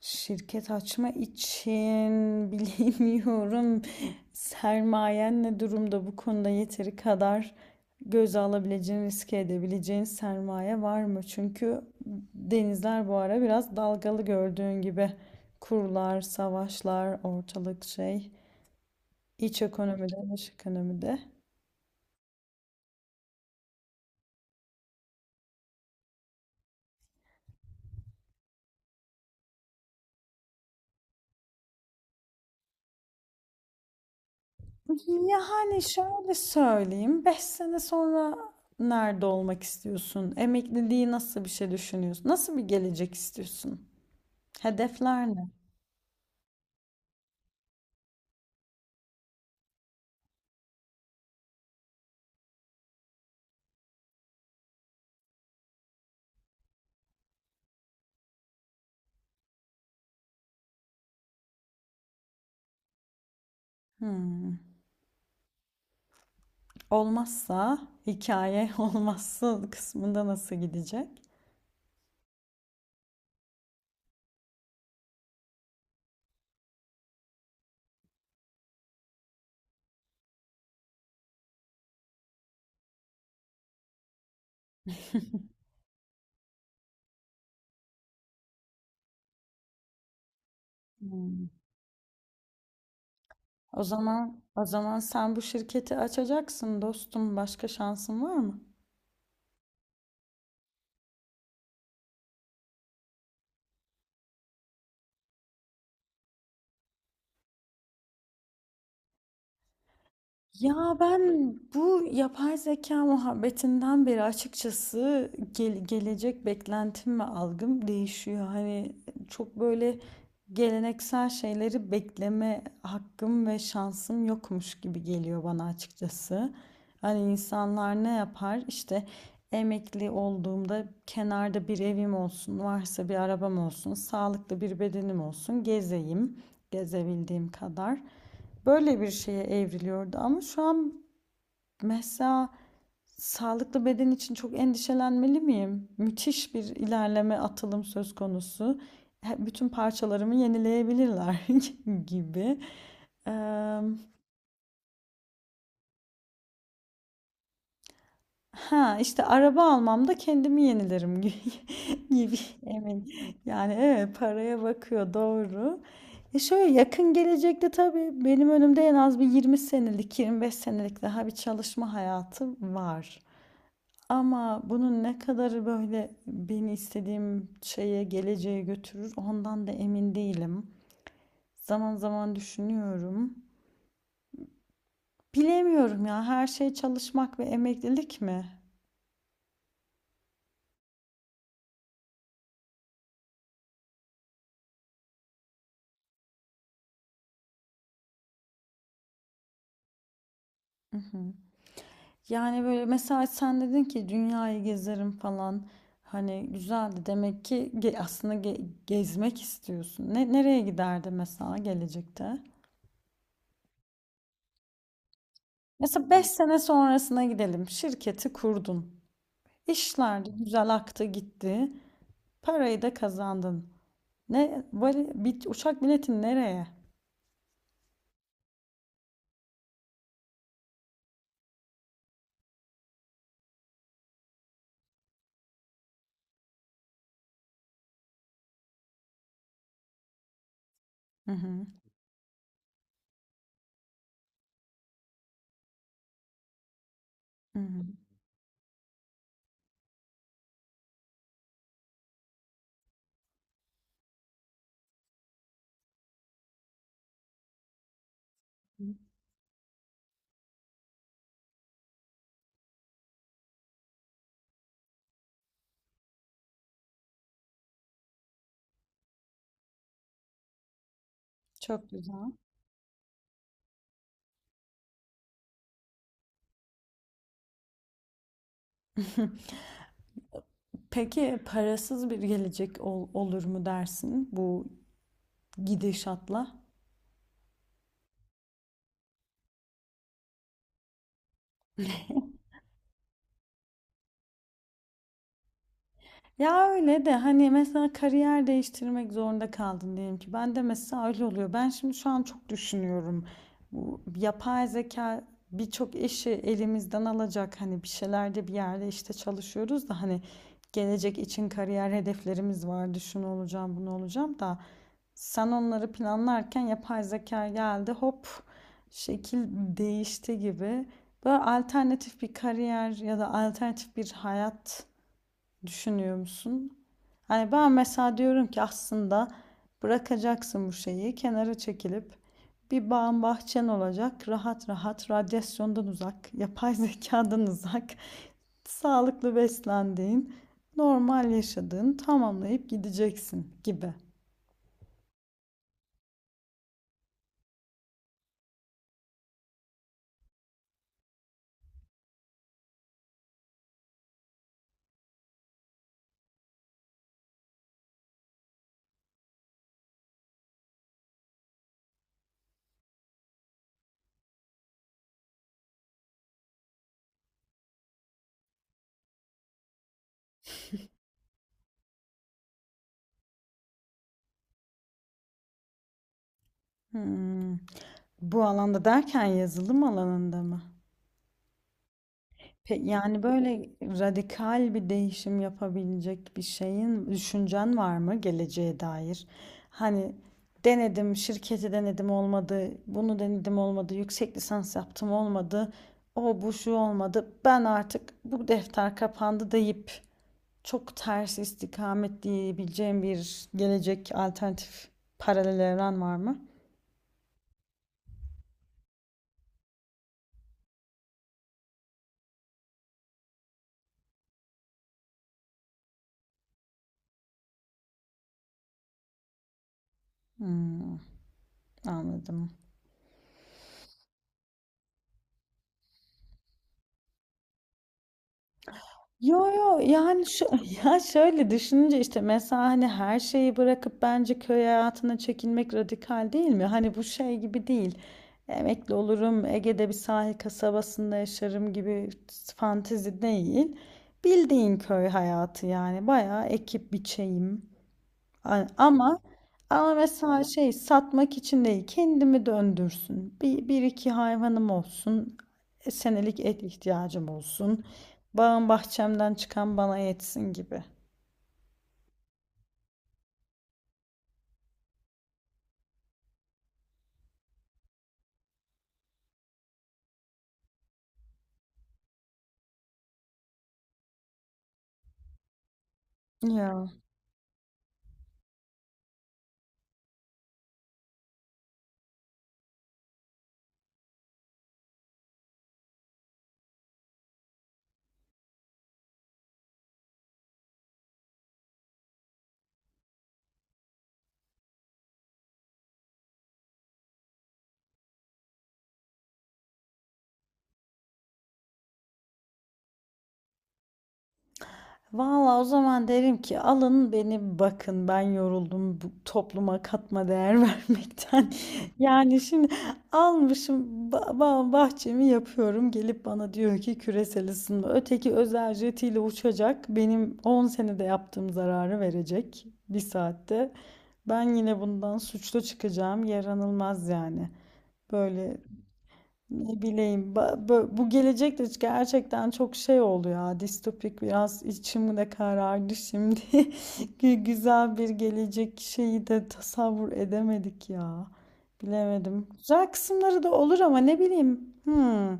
Şirket açma için bilemiyorum. Sermayen ne durumda, bu konuda yeteri kadar göze alabileceğin, riske edebileceğin sermaye var mı? Çünkü denizler bu ara biraz dalgalı gördüğün gibi. Kurlar, savaşlar, ortalık şey. İç ekonomide, dış ekonomide. Yani şöyle söyleyeyim. Beş sene sonra nerede olmak istiyorsun? Emekliliği nasıl bir şey düşünüyorsun? Nasıl bir gelecek istiyorsun? Hedefler ne? Hmm. Olmazsa hikaye, olmazsa kısmında nasıl gidecek? Hmm. O zaman sen bu şirketi açacaksın dostum. Başka şansın var mı? Ya ben bu yapay zeka muhabbetinden beri açıkçası gelecek beklentim ve algım değişiyor. Hani çok böyle geleneksel şeyleri bekleme hakkım ve şansım yokmuş gibi geliyor bana açıkçası. Hani insanlar ne yapar? İşte emekli olduğumda kenarda bir evim olsun, varsa bir arabam olsun, sağlıklı bir bedenim olsun, gezeyim, gezebildiğim kadar, böyle bir şeye evriliyordu. Ama şu an mesela sağlıklı beden için çok endişelenmeli miyim? Müthiş bir ilerleme, atılım söz konusu. Bütün parçalarımı yenileyebilirler gibi. Eee, ha işte araba almamda kendimi yenilerim gibi emin. Yani evet, paraya bakıyor doğru. E şöyle yakın gelecekte tabii benim önümde en az bir 20 senelik, 25 senelik daha bir çalışma hayatı var. Ama bunun ne kadarı böyle beni istediğim şeye, geleceğe götürür ondan da emin değilim. Zaman zaman düşünüyorum. Bilemiyorum ya, her şey çalışmak ve emeklilik mi? Hı hı. Yani böyle mesela sen dedin ki dünyayı gezerim falan. Hani güzeldi demek ki, aslında gezmek istiyorsun. Ne, nereye giderdi mesela gelecekte? Mesela 5 sene sonrasına gidelim. Şirketi kurdun. İşler de güzel aktı gitti. Parayı da kazandın. Ne vali, bir uçak biletin nereye? Hı hı. Hı hı. Çok güzel. Peki parasız bir gelecek olur mu dersin bu gidişatla? Ya öyle de hani mesela kariyer değiştirmek zorunda kaldın diyelim ki. Ben de mesela öyle oluyor. Ben şimdi şu an çok düşünüyorum. Bu yapay zeka birçok işi elimizden alacak. Hani bir şeylerde, bir yerde işte çalışıyoruz da hani gelecek için kariyer hedeflerimiz vardı. Şunu olacağım, bunu olacağım da sen onları planlarken yapay zeka geldi. Hop, şekil değişti gibi. Böyle alternatif bir kariyer ya da alternatif bir hayat düşünüyor musun? Hani ben mesela diyorum ki aslında bırakacaksın bu şeyi, kenara çekilip bir bağın bahçen olacak, rahat rahat radyasyondan uzak, yapay zekadan uzak, sağlıklı beslendiğin, normal yaşadığın, tamamlayıp gideceksin gibi. Hmm. Bu alanda derken yazılım alanında mı? Yani böyle radikal bir değişim yapabilecek bir şeyin, düşüncen var mı geleceğe dair? Hani denedim, şirketi denedim olmadı, bunu denedim olmadı, yüksek lisans yaptım olmadı, o bu şu olmadı, ben artık bu defter kapandı deyip çok ters istikamet diyebileceğim bir gelecek, alternatif paralel evren var mı? Hmm, anladım. Yo yo, yani şu, ya şöyle düşününce işte mesela hani her şeyi bırakıp bence köy hayatına çekilmek radikal değil mi? Hani bu şey gibi değil. Emekli olurum, Ege'de bir sahil kasabasında yaşarım gibi fantezi değil. Bildiğin köy hayatı yani, bayağı ekip biçeyim. Ama, ama mesela şey, satmak için değil, kendimi döndürsün. Bir, bir iki hayvanım olsun. Senelik et ihtiyacım olsun. Bağım bahçemden çıkan bana yetsin gibi. Ya. Valla o zaman derim ki alın beni bakın, ben yoruldum bu topluma katma değer vermekten. Yani şimdi almışım bahçemi yapıyorum, gelip bana diyor ki küresel ısınma. Öteki özel jetiyle uçacak, benim 10 senede yaptığım zararı verecek bir saatte. Ben yine bundan suçlu çıkacağım, yaranılmaz yani. Böyle ne bileyim, bu gelecekte gerçekten çok şey oldu ya, distopik, biraz içim de karardı şimdi. Güzel bir gelecek şeyi de tasavvur edemedik ya. Bilemedim. Güzel kısımları da olur ama ne bileyim. Hmm.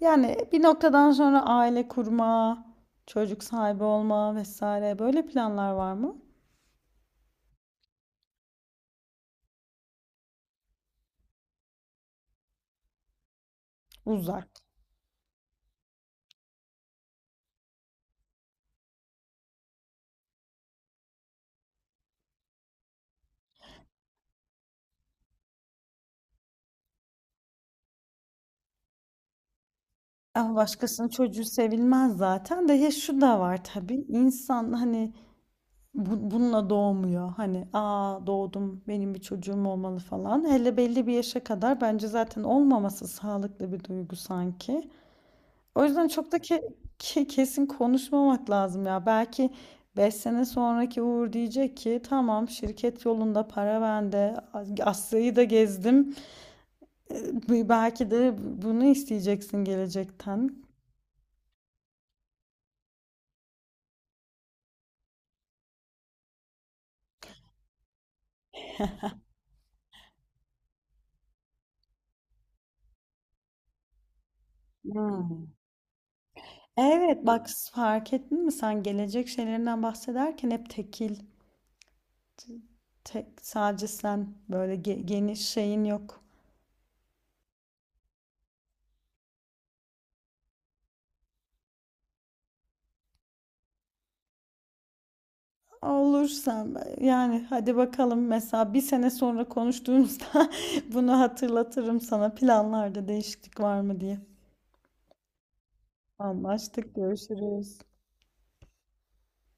Yani bir noktadan sonra aile kurma, çocuk sahibi olma vesaire, böyle planlar var mı? Uzak. Ama başkasının çocuğu sevilmez zaten, de ya şu da var tabii. İnsan hani bununla doğmuyor. Hani aa doğdum, benim bir çocuğum olmalı falan. Hele belli bir yaşa kadar bence zaten olmaması sağlıklı bir duygu sanki. O yüzden çok da kesin konuşmamak lazım ya. Belki 5 sene sonraki Uğur diyecek ki tamam, şirket yolunda, para bende, Asya'yı da gezdim. E, belki de bunu isteyeceksin gelecekten. Hmm. Evet bak, fark ettin mi, sen gelecek şeylerinden bahsederken hep tekil, tek, sadece sen, böyle geniş şeyin yok. Olursan yani, hadi bakalım mesela bir sene sonra konuştuğumuzda bunu hatırlatırım sana, planlarda değişiklik var mı diye. Anlaştık, görüşürüz.